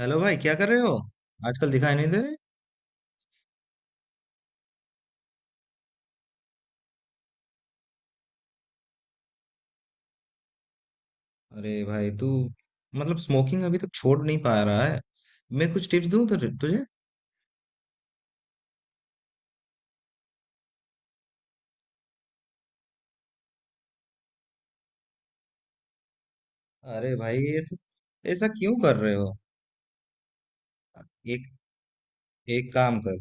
Hello भाई क्या कर रहे हो। आजकल दिखाई नहीं दे रहे। अरे भाई तू मतलब स्मोकिंग अभी तक छोड़ नहीं पा रहा है। मैं कुछ टिप्स दूं तुझे तुझे? अरे भाई ऐसा ऐसा क्यों कर रहे हो। एक एक काम कर।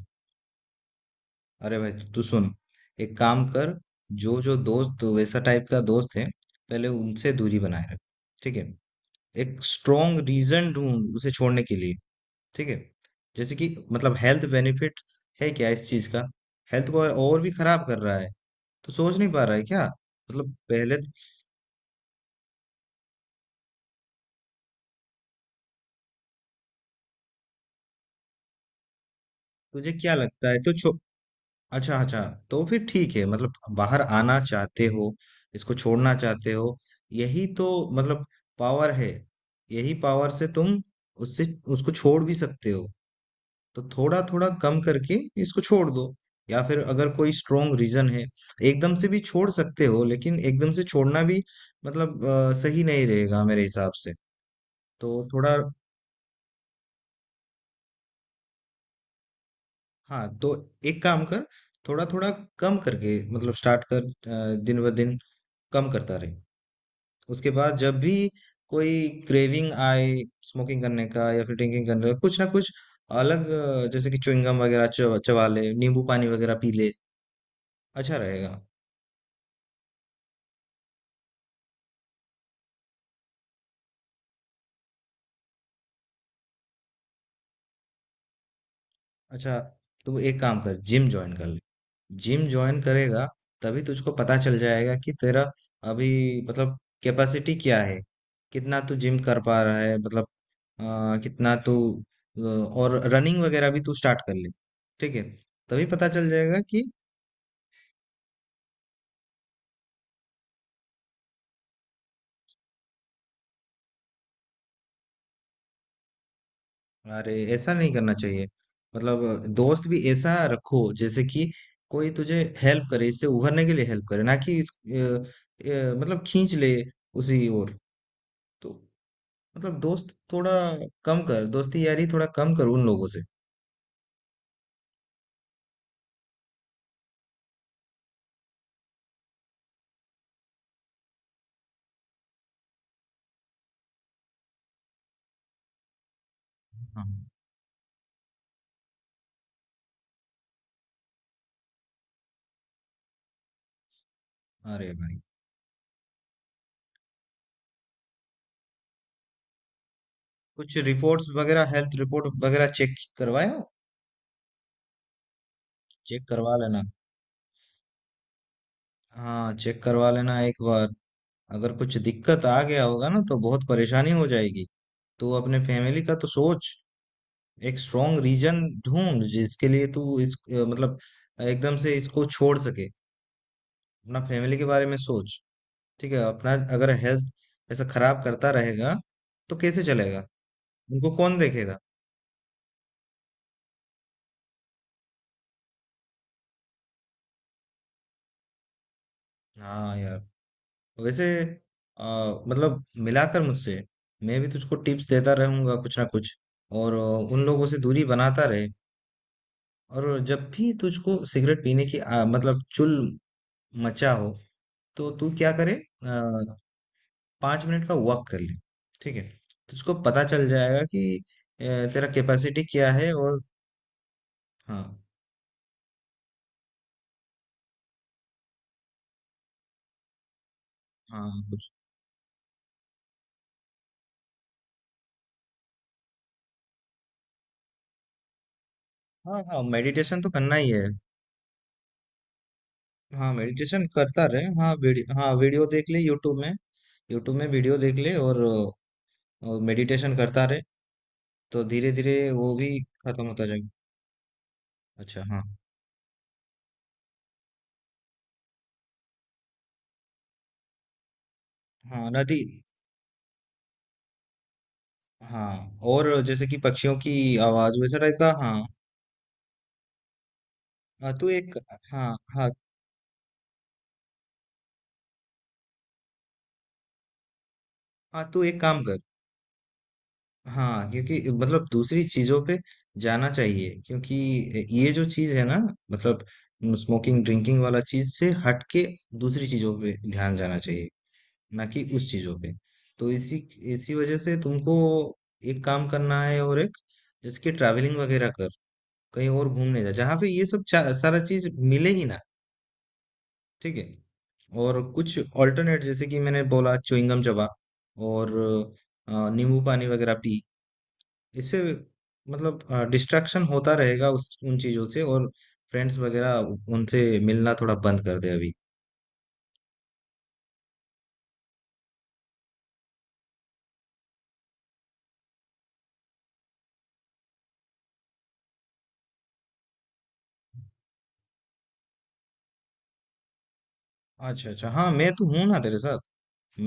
अरे भाई तू सुन। एक काम कर। जो जो दोस्त तो वैसा टाइप का दोस्त है पहले उनसे दूरी बनाए रख। ठीक है। एक स्ट्रॉन्ग रीजन ढूंढ उसे छोड़ने के लिए। ठीक है। जैसे कि मतलब हेल्थ बेनिफिट है क्या इस चीज का। हेल्थ को और भी खराब कर रहा है तो सोच नहीं पा रहा है क्या। मतलब तुझे क्या लगता है तो छो अच्छा अच्छा। तो फिर ठीक है मतलब बाहर आना चाहते हो इसको छोड़ना चाहते हो। यही तो मतलब पावर है। यही पावर से तुम उससे उसको छोड़ भी सकते हो। तो थोड़ा थोड़ा कम करके इसको छोड़ दो। या फिर अगर कोई स्ट्रोंग रीजन है एकदम से भी छोड़ सकते हो लेकिन एकदम से छोड़ना भी मतलब सही नहीं रहेगा मेरे हिसाब से। तो थोड़ा हाँ, तो एक काम कर। थोड़ा थोड़ा कम करके मतलब स्टार्ट कर दिन ब दिन कम करता रहे। उसके बाद जब भी कोई क्रेविंग आए स्मोकिंग करने का या फिर ड्रिंकिंग करने का कुछ ना कुछ अलग जैसे कि च्युइंगम वगैरह चबा चबा ले नींबू पानी वगैरह पी ले। अच्छा रहेगा। अच्छा तू एक काम कर जिम ज्वाइन कर ले। जिम ज्वाइन करेगा तभी तुझको पता चल जाएगा कि तेरा अभी मतलब कैपेसिटी क्या है कितना तू जिम कर पा रहा है मतलब अ, कितना तू और रनिंग वगैरह भी तू स्टार्ट कर ले। ठीक है। तभी पता चल जाएगा कि अरे ऐसा नहीं करना चाहिए। मतलब दोस्त भी ऐसा रखो जैसे कि कोई तुझे हेल्प करे इससे उभरने के लिए हेल्प करे ना कि मतलब खींच ले उसी ओर। तो मतलब दोस्त थोड़ा कम कर दोस्ती यारी थोड़ा कम कर उन लोगों से। हाँ। अरे भाई कुछ रिपोर्ट्स वगैरह हेल्थ रिपोर्ट वगैरह चेक करवाया? चेक करवा लेना। हाँ चेक करवा लेना एक बार। अगर कुछ दिक्कत आ गया होगा ना तो बहुत परेशानी हो जाएगी। तो अपने फैमिली का तो सोच। एक स्ट्रॉन्ग रीजन ढूंढ जिसके लिए तू इस मतलब एकदम से इसको छोड़ सके। अपना फैमिली के बारे में सोच। ठीक है। अपना अगर हेल्थ ऐसा खराब करता रहेगा तो कैसे चलेगा। उनको कौन देखेगा। हाँ यार। वैसे अ, मतलब मिलाकर मुझसे मैं भी तुझको टिप्स देता रहूंगा कुछ ना कुछ। और उन लोगों से दूरी बनाता रहे। और जब भी तुझको सिगरेट पीने की मतलब चुल मचा हो तो तू क्या करे। आ, 5 मिनट का वॉक कर ले। ठीक है। तुझको पता चल जाएगा कि अ, तेरा कैपेसिटी क्या है। और हाँ हाँ कुछ हाँ हाँ मेडिटेशन तो करना ही है। हाँ मेडिटेशन करता रहे, हाँ वीडियो, हाँ वीडियो देख ले यूट्यूब में। यूट्यूब में वीडियो देख ले, और मेडिटेशन करता रहे। तो धीरे धीरे वो भी खत्म होता जाएगा। अच्छा। हाँ हाँ नदी। हाँ और जैसे कि पक्षियों की आवाज वैसा टाइप का, हाँ। हाँ, तू एक हाँ हाँ। हाँ तू एक काम कर। हाँ क्योंकि मतलब दूसरी चीजों पे जाना चाहिए क्योंकि ये जो चीज है ना मतलब स्मोकिंग ड्रिंकिंग वाला चीज से हट के दूसरी चीजों पे ध्यान जाना चाहिए, ना कि उस चीजों पे। तो इसी इसी वजह से तुमको एक काम करना है। और एक जैसे कि ट्रैवलिंग वगैरह कर कहीं और घूमने जा जहाँ पे ये सब सारा चीज मिले ही ना। ठीक है। और कुछ ऑल्टरनेट जैसे कि मैंने बोला च्युइंगम चबा। और नींबू पानी वगैरह पी। इससे मतलब डिस्ट्रैक्शन होता रहेगा उस उन चीज़ों से। और फ्रेंड्स वगैरह उनसे मिलना थोड़ा बंद कर दे अभी। अच्छा अच्छा, हाँ मैं तो हूँ ना तेरे साथ।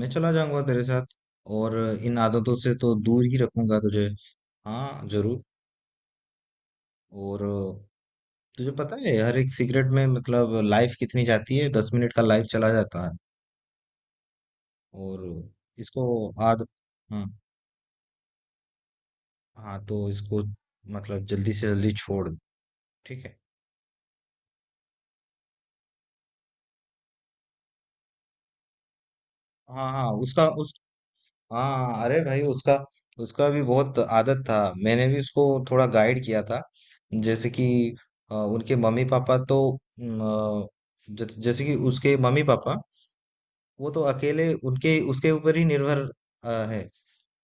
मैं चला जाऊंगा तेरे साथ। और इन आदतों से तो दूर ही रखूंगा तुझे। हाँ जरूर। और तुझे पता है हर एक सिगरेट में मतलब लाइफ कितनी जाती है। 10 मिनट का लाइफ चला जाता है। और इसको आद हाँ हाँ, तो इसको मतलब जल्दी से जल्दी छोड़ दे, ठीक है। हाँ हाँ उसका उस हाँ हाँ, अरे भाई उसका उसका भी बहुत आदत था। मैंने भी उसको थोड़ा गाइड किया था। जैसे कि उनके मम्मी पापा तो न, जैसे कि उसके मम्मी पापा वो तो अकेले उनके उसके ऊपर ही निर्भर है।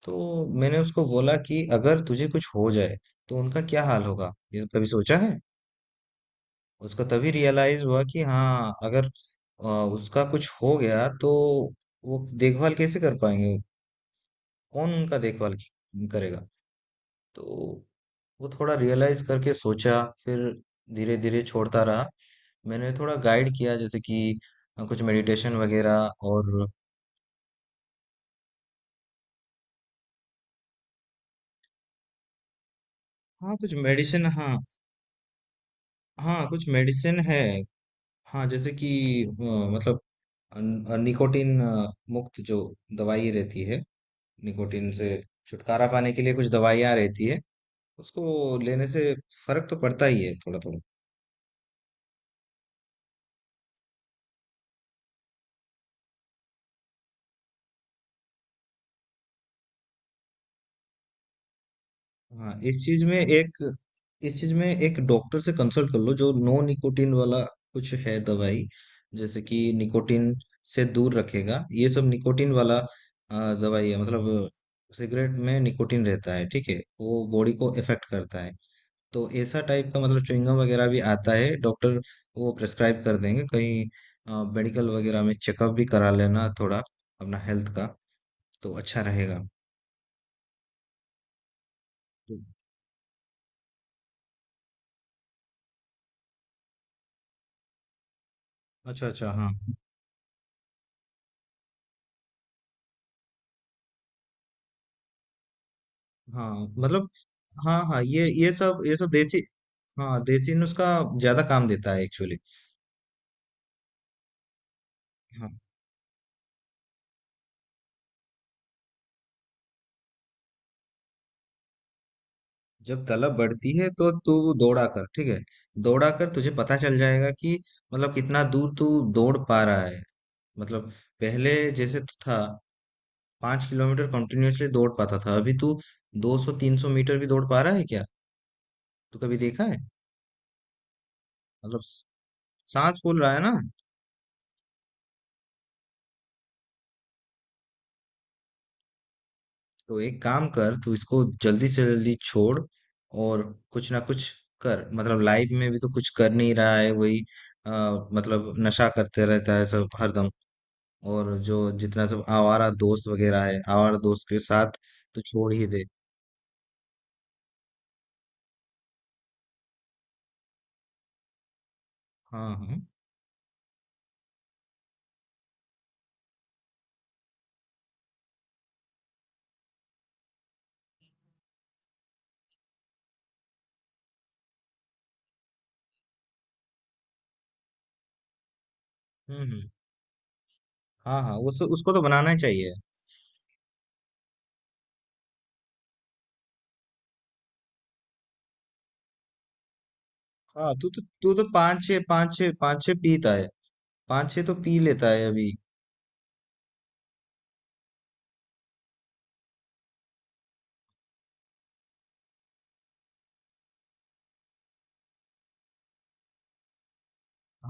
तो मैंने उसको बोला कि अगर तुझे कुछ हो जाए तो उनका क्या हाल होगा, ये कभी सोचा है। उसको तभी रियलाइज हुआ कि हाँ, अगर अ, उसका कुछ हो गया तो वो देखभाल कैसे कर पाएंगे। कौन उनका देखभाल करेगा। तो वो थोड़ा रियलाइज करके सोचा फिर धीरे धीरे छोड़ता रहा। मैंने थोड़ा गाइड किया जैसे कि कुछ मेडिटेशन वगैरह। और हाँ कुछ मेडिसिन। हाँ हाँ कुछ मेडिसिन है। हाँ जैसे कि अ, मतलब निकोटिन मुक्त जो दवाई रहती है। निकोटीन से छुटकारा पाने के लिए कुछ दवाइयाँ रहती है। उसको लेने से फर्क तो पड़ता ही है थोड़ा थोड़ा। हाँ इस चीज में एक डॉक्टर से कंसल्ट कर लो जो नो निकोटीन वाला कुछ है दवाई। जैसे कि निकोटीन से दूर रखेगा, ये सब निकोटीन वाला दवाई है। मतलब सिगरेट में निकोटीन रहता है, ठीक है, वो बॉडी को इफेक्ट करता है। तो ऐसा टाइप का मतलब च्युइंगम वगैरह भी आता है, डॉक्टर वो प्रिस्क्राइब कर देंगे कहीं। मेडिकल वगैरह में चेकअप भी करा लेना थोड़ा अपना हेल्थ का। तो अच्छा रहेगा। तो- अच्छा अच्छा, हाँ हाँ मतलब, हाँ हाँ ये सब देसी। हाँ देसी नुस्खा ज्यादा काम देता है एक्चुअली। हाँ, जब तलब बढ़ती है तो तू दौड़ा कर। ठीक है। दौड़ा कर तुझे पता चल जाएगा कि मतलब कितना दूर तू दौड़ पा रहा है मतलब। पहले जैसे तू था 5 किलोमीटर कंटिन्यूअसली दौड़ पाता था। अभी तू 200-300 मीटर भी दौड़ पा रहा है क्या। तू कभी देखा है? मतलब सांस फूल रहा है ना। तो एक काम कर तू इसको जल्दी से जल्दी छोड़। और कुछ ना कुछ कर मतलब लाइफ में भी तो कुछ कर नहीं रहा है वही अ, मतलब नशा करते रहता है सब हरदम। और जो जितना सब आवारा दोस्त वगैरह है आवारा दोस्त के साथ तो छोड़ ही दे। हाँ हाँ हम्म हम्म, हाँ हाँ उसको तो बनाना ही चाहिए। हाँ, तू तो पाँच छः पाँच छः पाँच छः पीता है। पाँच छः तो पी लेता है अभी।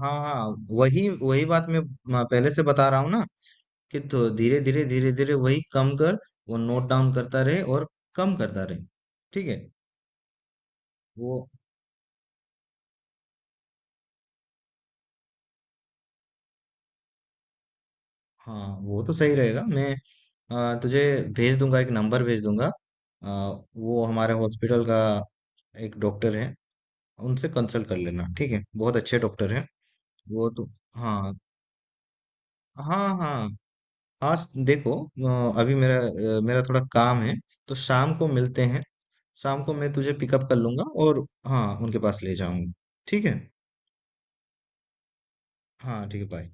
हाँ हाँ वही वही बात मैं पहले से बता रहा हूँ ना कि। तो धीरे धीरे धीरे धीरे वही कम कर। वो नोट डाउन करता रहे और कम करता रहे। ठीक है। वो, हाँ वो तो सही रहेगा। मैं तुझे भेज दूंगा, एक नंबर भेज दूंगा। आ, वो हमारे हॉस्पिटल का एक डॉक्टर है। उनसे कंसल्ट कर लेना, ठीक है, बहुत अच्छे डॉक्टर हैं। वो तो हाँ हाँ हाँ हाँ देखो अभी मेरा थोड़ा काम है। तो शाम को मिलते हैं। शाम को मैं तुझे पिकअप कर लूंगा और हाँ उनके पास ले जाऊंगा। ठीक है। हाँ ठीक है बाय।